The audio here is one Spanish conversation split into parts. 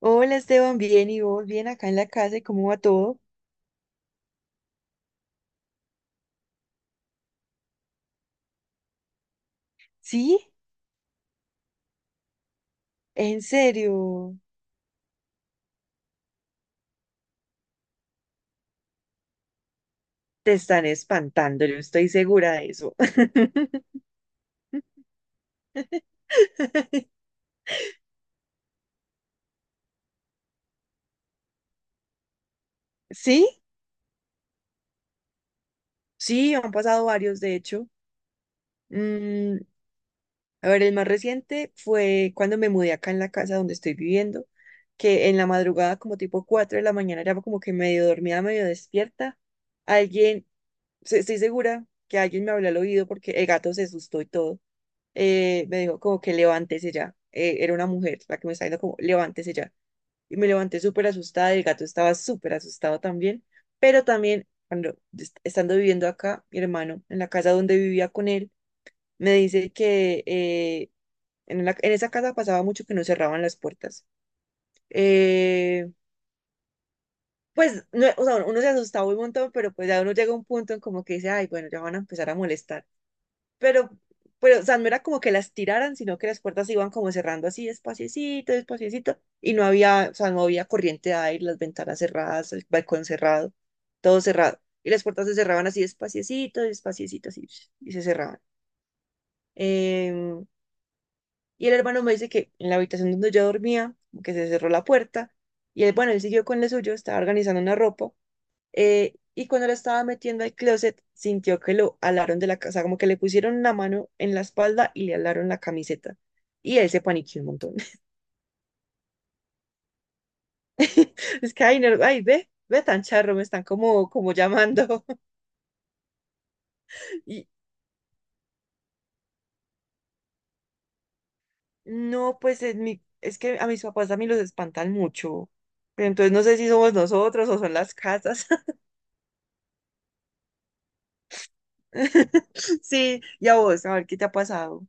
Hola Esteban, bien y vos, bien acá en la casa y cómo va todo. ¿Sí? ¿En serio? Te están espantando, yo estoy segura de eso. ¿Sí? Sí, han pasado varios, de hecho. Mm, a ver, el más reciente fue cuando me mudé acá en la casa donde estoy viviendo, que en la madrugada, como tipo 4 de la mañana, era como que medio dormida, medio despierta. Alguien, Estoy segura que alguien me habló al oído porque el gato se asustó y todo. Me dijo como que levántese ya. Era una mujer la que me estaba diciendo como levántese ya. Y me levanté súper asustada, y el gato estaba súper asustado también, pero también cuando estando viviendo acá, mi hermano, en la casa donde vivía con él, me dice que en, en esa casa pasaba mucho que no cerraban las puertas. Eh, pues no, o sea, uno se asustaba un montón, pero pues ya uno llega a un punto en como que dice, ay, bueno, ya van a empezar a molestar. pero, pero, o sea, no era como que las tiraran, sino que las puertas se iban como cerrando así, despaciecito, despaciecito, y no había, o sea, no había corriente de aire, las ventanas cerradas, el balcón cerrado, todo cerrado. Y las puertas se cerraban así, despaciecito, despaciecito, así, y se cerraban. Em, y el hermano me dice que en la habitación donde yo dormía, como que se cerró la puerta, y él, bueno, él siguió con lo suyo, estaba organizando una ropa, y cuando la estaba metiendo al closet, sintió que lo alaron de la casa, como que le pusieron una mano en la espalda y le alaron la camiseta. Y él se paniqueó un montón. Es que, ay, no, ay, ve, ve tan charro, me están como, como llamando. Y no, es que a mis papás a mí los espantan mucho. Pero entonces no sé si somos nosotros o son las casas. Sí, y a vos, a ver qué te ha pasado.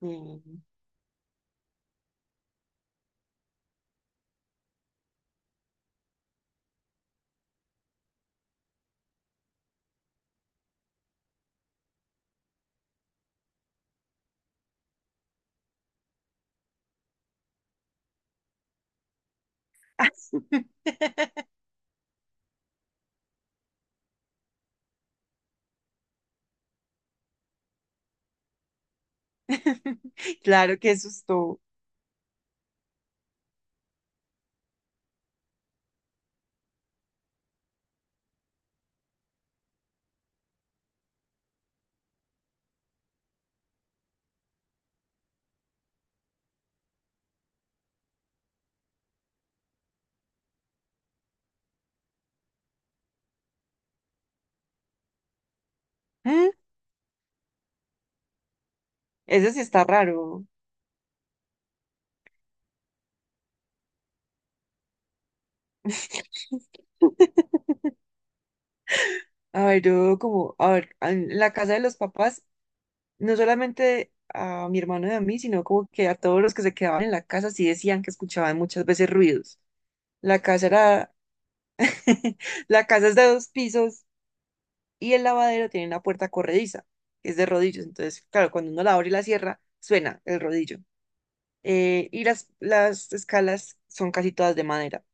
Mm. Claro, qué susto. ¿Mm? Eso sí está raro. A ver, a ver, en la casa de los papás, no solamente a mi hermano y a mí, sino como que a todos los que se quedaban en la casa sí decían que escuchaban muchas veces ruidos. La casa era, la casa es de dos pisos y el lavadero tiene una puerta corrediza, que es de rodillos. Entonces, claro, cuando uno la abre y la cierra, suena el rodillo. Y las escalas son casi todas de madera.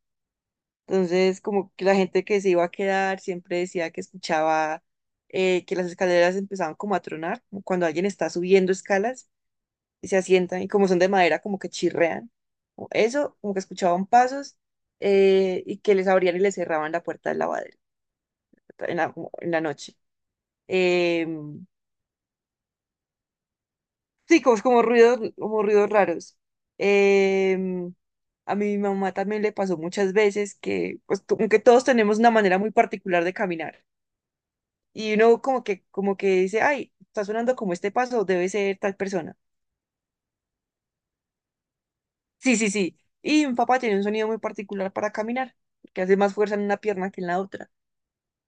Entonces, como que la gente que se iba a quedar siempre decía que escuchaba que las escaleras empezaban como a tronar, como cuando alguien está subiendo escalas y se asientan y como son de madera, como que chirrean. O eso, como que escuchaban pasos y que les abrían y les cerraban la puerta del lavadero en la, como en la noche. Em, sí, como, como ruidos raros. Em, a mi mamá también le pasó muchas veces que, pues, como que todos tenemos una manera muy particular de caminar. Y uno como que dice, ay, está sonando como este paso, debe ser tal persona. Sí, sí, sí. Y mi papá tiene un sonido muy particular para caminar, que hace más fuerza en una pierna que en la otra.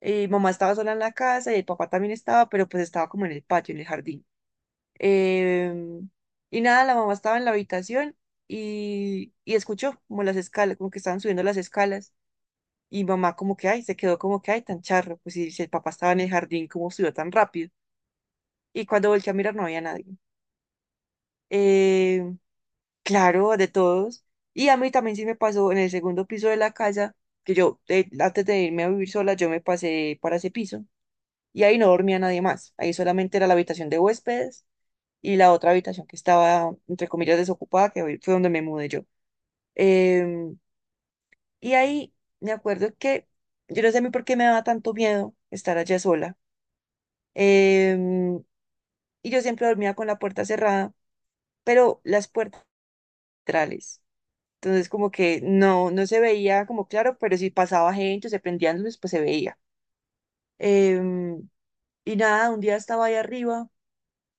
Mamá estaba sola en la casa y el papá también estaba, pero pues estaba como en el patio, en el jardín. Em, y nada, la mamá estaba en la habitación y escuchó como las escalas, como que estaban subiendo las escalas. Y mamá como que, ay, se quedó como que, ay, tan charro. Pues si el papá estaba en el jardín, ¿cómo subió tan rápido? Y cuando volteé a mirar no había nadie. Em, Claro, de todos. Y a mí también sí me pasó en el segundo piso de la casa, que yo antes de irme a vivir sola, yo me pasé para ese piso y ahí no dormía nadie más. Ahí solamente era la habitación de huéspedes y la otra habitación que estaba, entre comillas, desocupada, que hoy fue donde me mudé yo. Em, y ahí me acuerdo que yo no sé a mí por qué me daba tanto miedo estar allá sola. Em, y yo siempre dormía con la puerta cerrada, pero las puertas laterales. Entonces, como que no, no se veía como claro, pero si pasaba gente, o se prendían luces, pues se veía. Em, y nada, un día estaba ahí arriba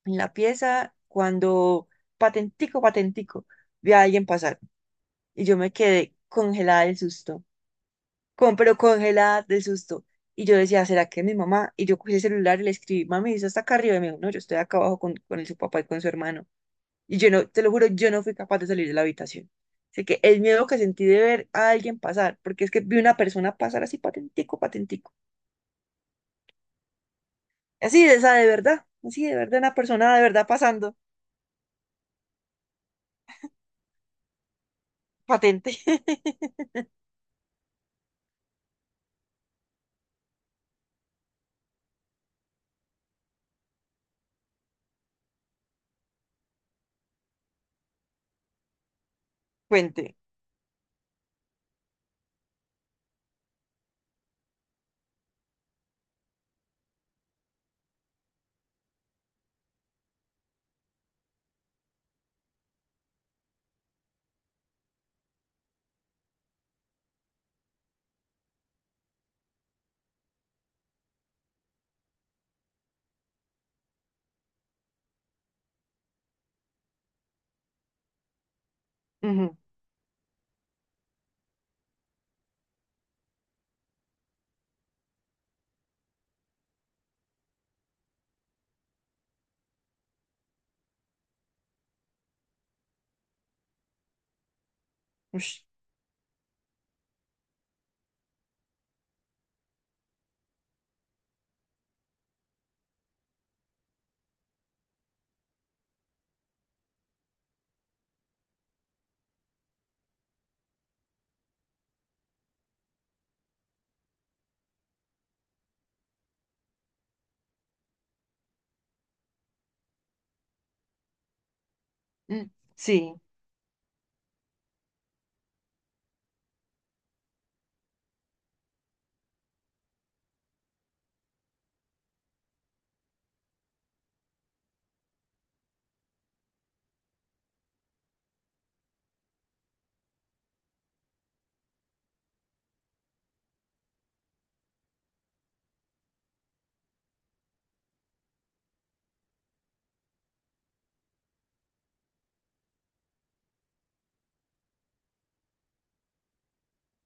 en la pieza cuando patentico, patentico, vi a alguien pasar y yo me quedé congelada del susto, con, pero congelada del susto. Y yo decía, ¿será que es mi mamá? Y yo cogí el celular y le escribí, mami, ¿eso está acá arriba? Y me dijo, no, yo estoy acá abajo con su papá y con su hermano. Y yo no, te lo juro, yo no fui capaz de salir de la habitación. Así que el miedo que sentí de ver a alguien pasar, porque es que vi una persona pasar así patentico, patentico. Así de esa de verdad, así de verdad, una persona de verdad pasando, patente. Puente. Ujú, ush, mm, sí,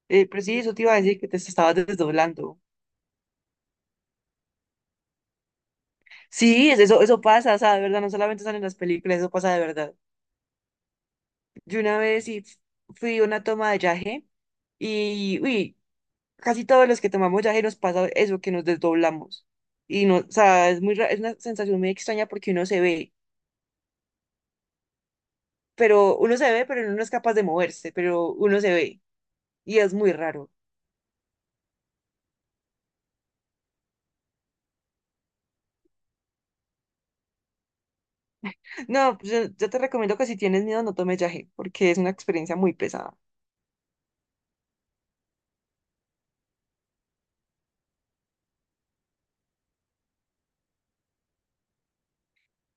pero sí, eso te iba a decir que te estabas desdoblando. Sí, eso, eso pasa, o sea, de verdad, no solamente sale en las películas, eso pasa de verdad. Yo una vez sí fui a una toma de yaje y, uy, casi todos los que tomamos yaje nos pasa eso, que nos desdoblamos. Y no, o sea, es muy, es una sensación muy extraña porque uno se ve, pero uno se ve, pero uno no es capaz de moverse, pero uno se ve. Y es muy raro. No, pues, yo te recomiendo que si tienes miedo no tomes yaje, porque es una experiencia muy pesada.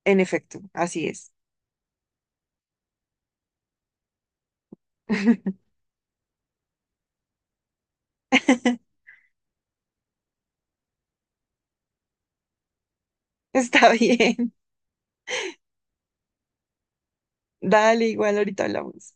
En efecto, así es. Está bien. Dale, igual ahorita hablamos.